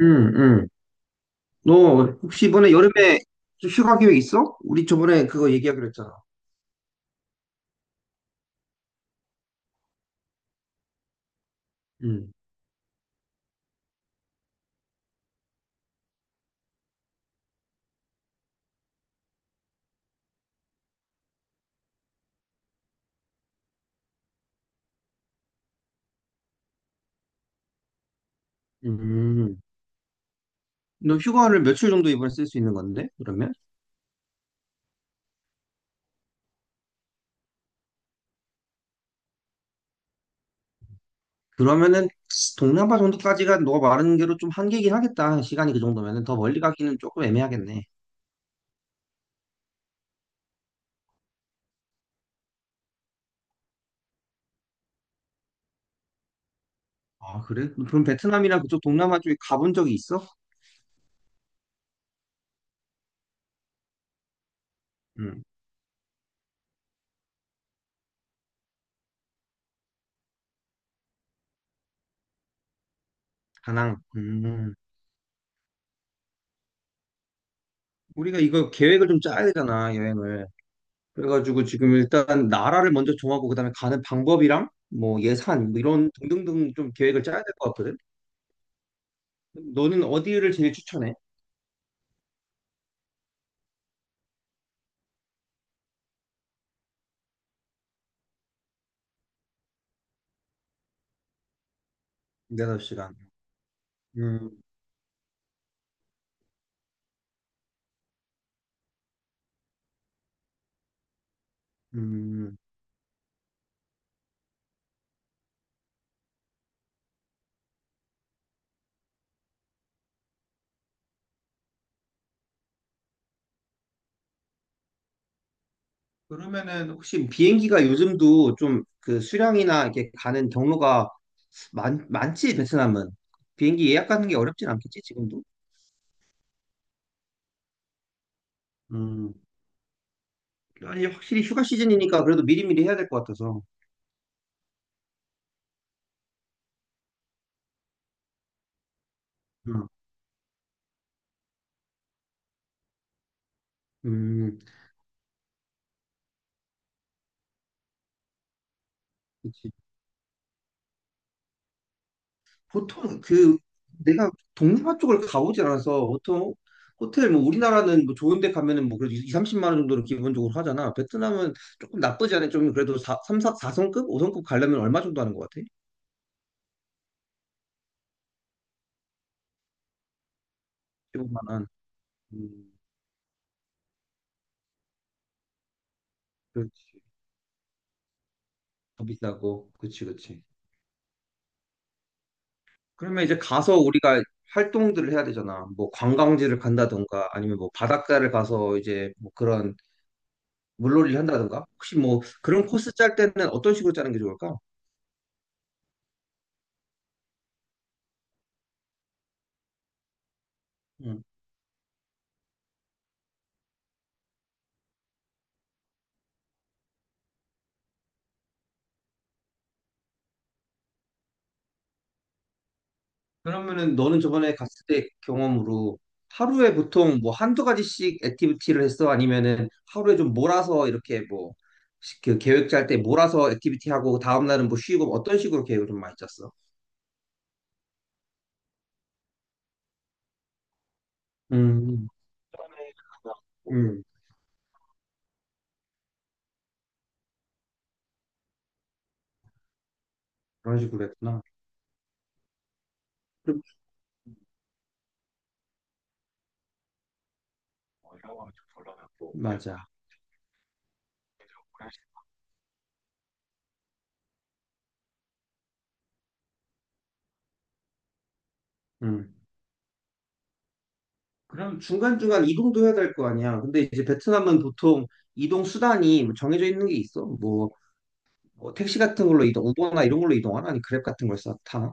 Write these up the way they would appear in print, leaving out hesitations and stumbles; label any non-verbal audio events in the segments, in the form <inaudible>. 응, 응. 너 혹시 이번에 여름에 좀 휴가 계획 있어? 우리 저번에 그거 얘기하기로 했잖아. 응, 음. 너 휴가를 며칠 정도 이번에 쓸 수 있는 건데? 그러면? 그러면은 동남아 정도까지가 너가 말하는 대로 좀 한계긴 하겠다. 시간이 그 정도면은 더 멀리 가기는 조금 애매하겠네. 아, 그래? 그럼 베트남이나 그쪽 동남아 쪽에 가본 적이 있어? 응, 다낭. 음. 우리가 이거 계획을 좀 짜야 되잖아, 여행을. 그래가지고 지금 일단 나라를 먼저 정하고 그다음에 가는 방법이랑 뭐 예산 뭐 이런 등등등 좀 계획을 짜야 될 것 같거든. 너는 어디를 제일 추천해? 4시간. 음, 음. 그러면은 혹시 비행기가 요즘도 좀 그 수량이나 이렇게 가는 경로가 많지 베트남은 비행기 예약 하는 게 어렵진 않겠지 지금도? 음. 아니 확실히 휴가 시즌이니까 그래도 미리미리 해야 될 것 같아서. 음. 음. 보통 그 내가 동남아 쪽을 가보질 않아서 보통 호텔 뭐 우리나라는 뭐 좋은 데 가면은 뭐 그래도 2, 30만 원 정도는 기본적으로 하잖아. 베트남은 조금 나쁘지 않아. 좀 그래도 4, 3, 사성급 5성급 가려면 얼마 정도 하는 것 같아? 15만 원. 음, 그렇지. 더 비싸고. 그치, 그치. 그러면 이제 가서 우리가 활동들을 해야 되잖아. 뭐 관광지를 간다던가 아니면 뭐 바닷가를 가서 이제 뭐 그런 물놀이를 한다던가. 혹시 뭐 그런 코스 짤 때는 어떤 식으로 짜는 게 좋을까? 그러면은 너는 저번에 갔을 때 경험으로 하루에 보통 뭐 한두 가지씩 액티비티를 했어? 아니면은 하루에 좀 몰아서 이렇게 뭐 그 계획 짤 때 몰아서 액티비티 하고 다음 날은 뭐 쉬고 뭐 어떤 식으로 계획을 좀 많이 짰어? 음, 음, 그런 식으로 했구나. 그럼 맞아. 음. 그럼 중간중간 이동도 해야 될 거 아니야. 근데 이제 베트남은 보통 이동 수단이 뭐 정해져 있는 게 있어. 뭐 택시 같은 걸로 이동, 우버나 이런 걸로 이동하나? 아니 그랩 같은 걸 써, 타나?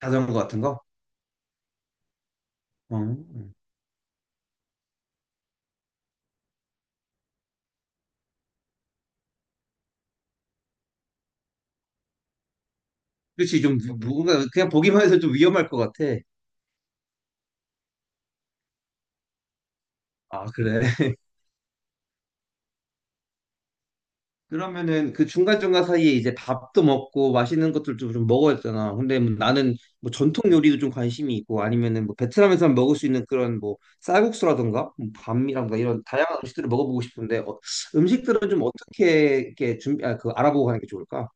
자전거 같은 거? 어. 그렇지, 좀군가 그냥 보기만 해서 좀 위험할 것 같아. 아, 그래. <laughs> 그러면은 그 중간중간 사이에 이제 밥도 먹고 맛있는 것들 좀좀 먹어야 되잖아. 근데 뭐 나는 뭐 전통 요리도 좀 관심이 있고 아니면은 뭐 베트남에서 먹을 수 있는 그런 뭐 쌀국수라든가 뭐 밤이라든가 이런 다양한 음식들을 먹어보고 싶은데 음식들은 좀 어떻게 이렇게 준비, 아, 그 알아보고 가는 게 좋을까?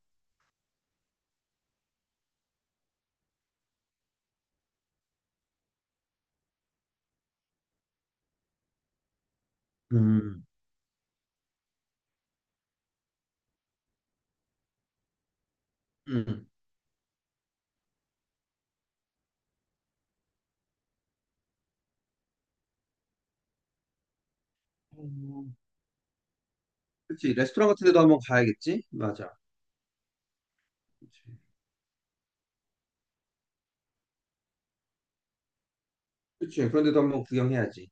음, 음. 그렇지. 레스토랑 같은 데도 한번 가야겠지? 맞아. 그렇지. 그런데도 한번 구경해야지.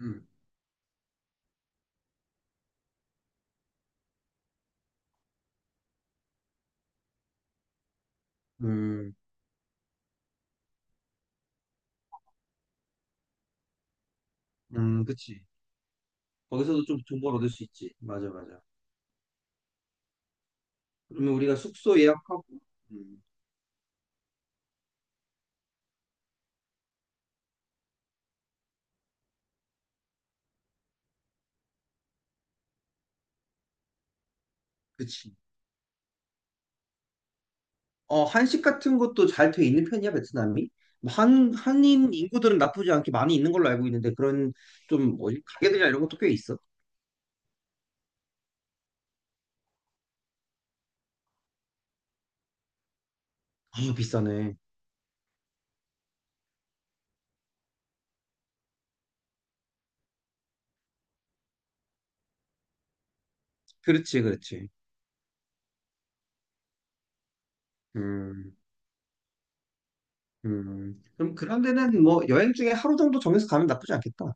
음. 음, 그치. 거기서도 좀 정보를 얻을 수 있지. 맞아, 맞아. 그러면 우리가 숙소 예약하고, 음, 그치. 어, 한식 같은 것도 잘 돼 있는 편이야, 베트남이? 뭐 한인 인구들은 나쁘지 않게 많이 있는 걸로 알고 있는데, 그런 좀, 뭐지, 가게들이나 이런 것도 꽤 있어. 아, 비싸네. 그렇지, 그렇지. 음, 그럼 그런 데는 뭐 여행 중에 하루 정도 정해서 가면 나쁘지 않겠다.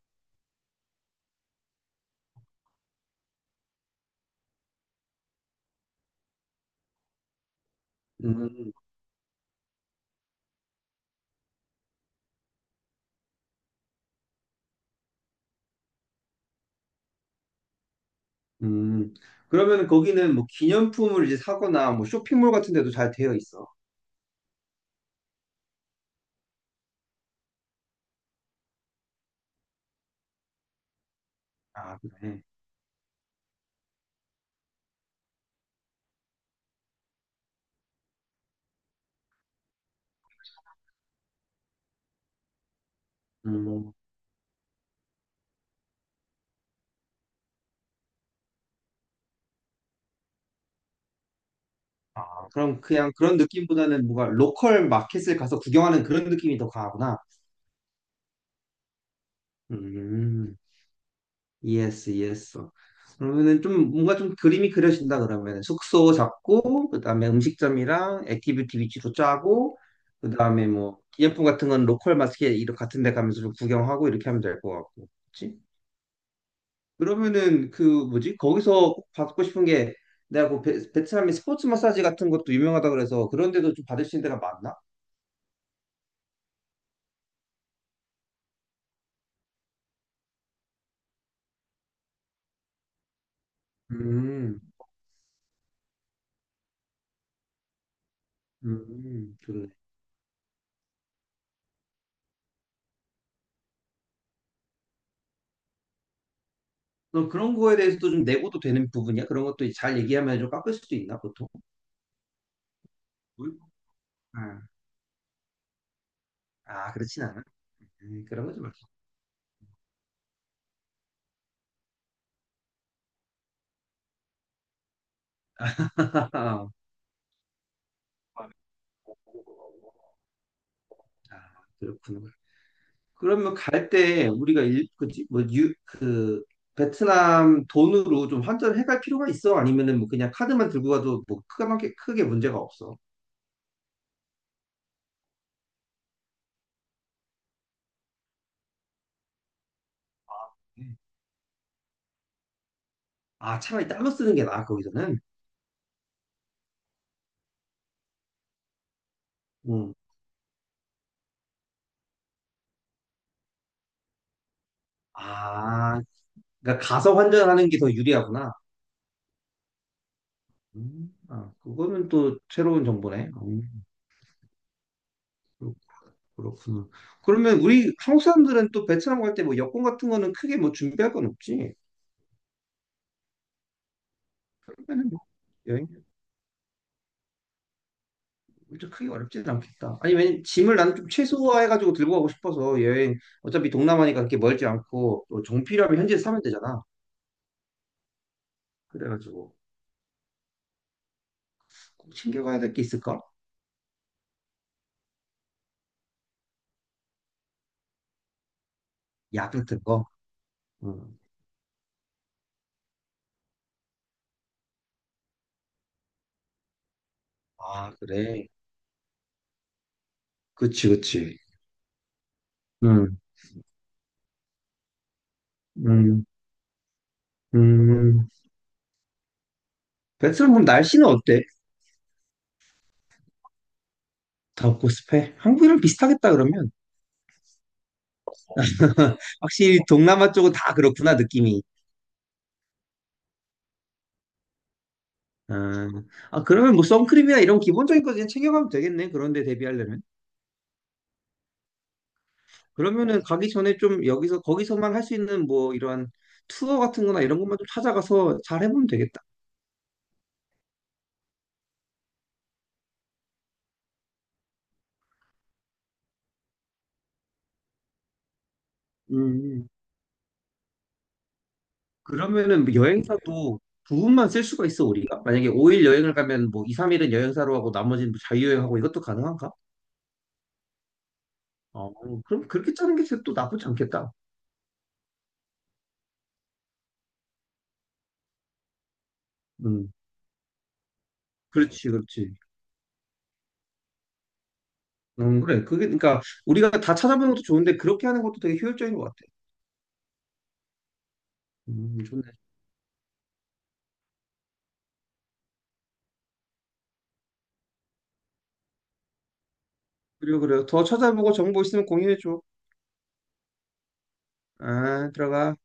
음, 음. 그러면 거기는 뭐 기념품을 이제 사거나 뭐 쇼핑몰 같은 데도 잘 되어 있어. 아, 그래. 음, 그럼 그냥 그런 느낌보다는 뭔가 로컬 마켓을 가서 구경하는 그런 느낌이 더 강하구나. 음, 이해했어, 이해했어. 그러면은 좀 뭔가 좀 그림이 그려진다 그러면 숙소 잡고 그다음에 음식점이랑 액티비티 위주로 짜고 그다음에 뭐 기념품 같은 건 로컬 마켓 이런 같은 데 가면서 좀 구경하고 이렇게 하면 될 것 같고. 그치? 그러면은 그 뭐지? 거기서 꼭 받고 싶은 게 내가 그 베트남의 스포츠 마사지 같은 것도 유명하다 그래서 그런 데도 좀 받을 수 있는 데가 많나? 음. 좋네. 너 그런 거에 대해서도 좀 내고도 되는 부분이야? 그런 것도 잘 얘기하면 좀 깎을 수도 있나, 보통? 음, 아, 아, 그렇진 않아. 그런 거지 말 <laughs> 아, 아, 그렇구나. 그러면 갈 때 우리가 그지? 뭐, 그, 베트남 돈으로 좀 환전을 해갈 필요가 있어? 아니면은 뭐 그냥 카드만 들고 가도 뭐 크게, 크게 문제가 없어? 음. 아, 차라리 달러 쓰는 게 나아, 거기서는? 음. 아, 그러니까 가서 환전하는 게 더 유리하구나. 아, 그거는 또 새로운 정보네. 음. 그렇- 그렇구나. 그러면 우리 한국 사람들은 또 베트남 갈 때 뭐 여권 같은 거는 크게 뭐 준비할 건 없지? 그러면은 뭐 여행 진짜 크게 어렵지는 않겠다. 아니, 왜냐면 짐을 나는 좀 최소화해가지고 들고 가고 싶어서 여행 어차피 동남아니까 그렇게 멀지 않고 또 정필요하면 현지에서 사면 되잖아. 그래가지고 꼭 챙겨가야 될 게 있을까? 약 같은 거. 음. 아, 그래. 그치, 그치. 음, 음, 음. 베트남 그럼 날씨는 어때? 다 없고 습해? 한국이랑 비슷하겠다 그러면. 확실히 동남아 쪽은 다 그렇구나 느낌이. 아, 아, 그러면 뭐 선크림이나 이런 기본적인 거 그냥 챙겨가면 되겠네. 그런데 대비하려면. 그러면은 가기 전에 좀 여기서 거기서만 할 수 있는 뭐 이러한 투어 같은 거나 이런 것만 좀 찾아가서 잘 해보면 되겠다. 음. 음. 그러면은 뭐 여행사도 부분만 쓸 수가 있어 우리가. 만약에 5일 여행을 가면 뭐 2, 3일은 여행사로 하고 나머지는 뭐 자유여행하고 이것도 가능한가? 어, 그럼 그렇게 짜는 게 또 나쁘지 않겠다. 음. 그렇지, 그렇지. 그래. 그게, 그러니까, 우리가 다 찾아보는 것도 좋은데, 그렇게 하는 것도 되게 효율적인 것 같아. 좋네. 그리고, 그래요. 더 찾아보고 정보 있으면 공유해줘. 아, 들어가.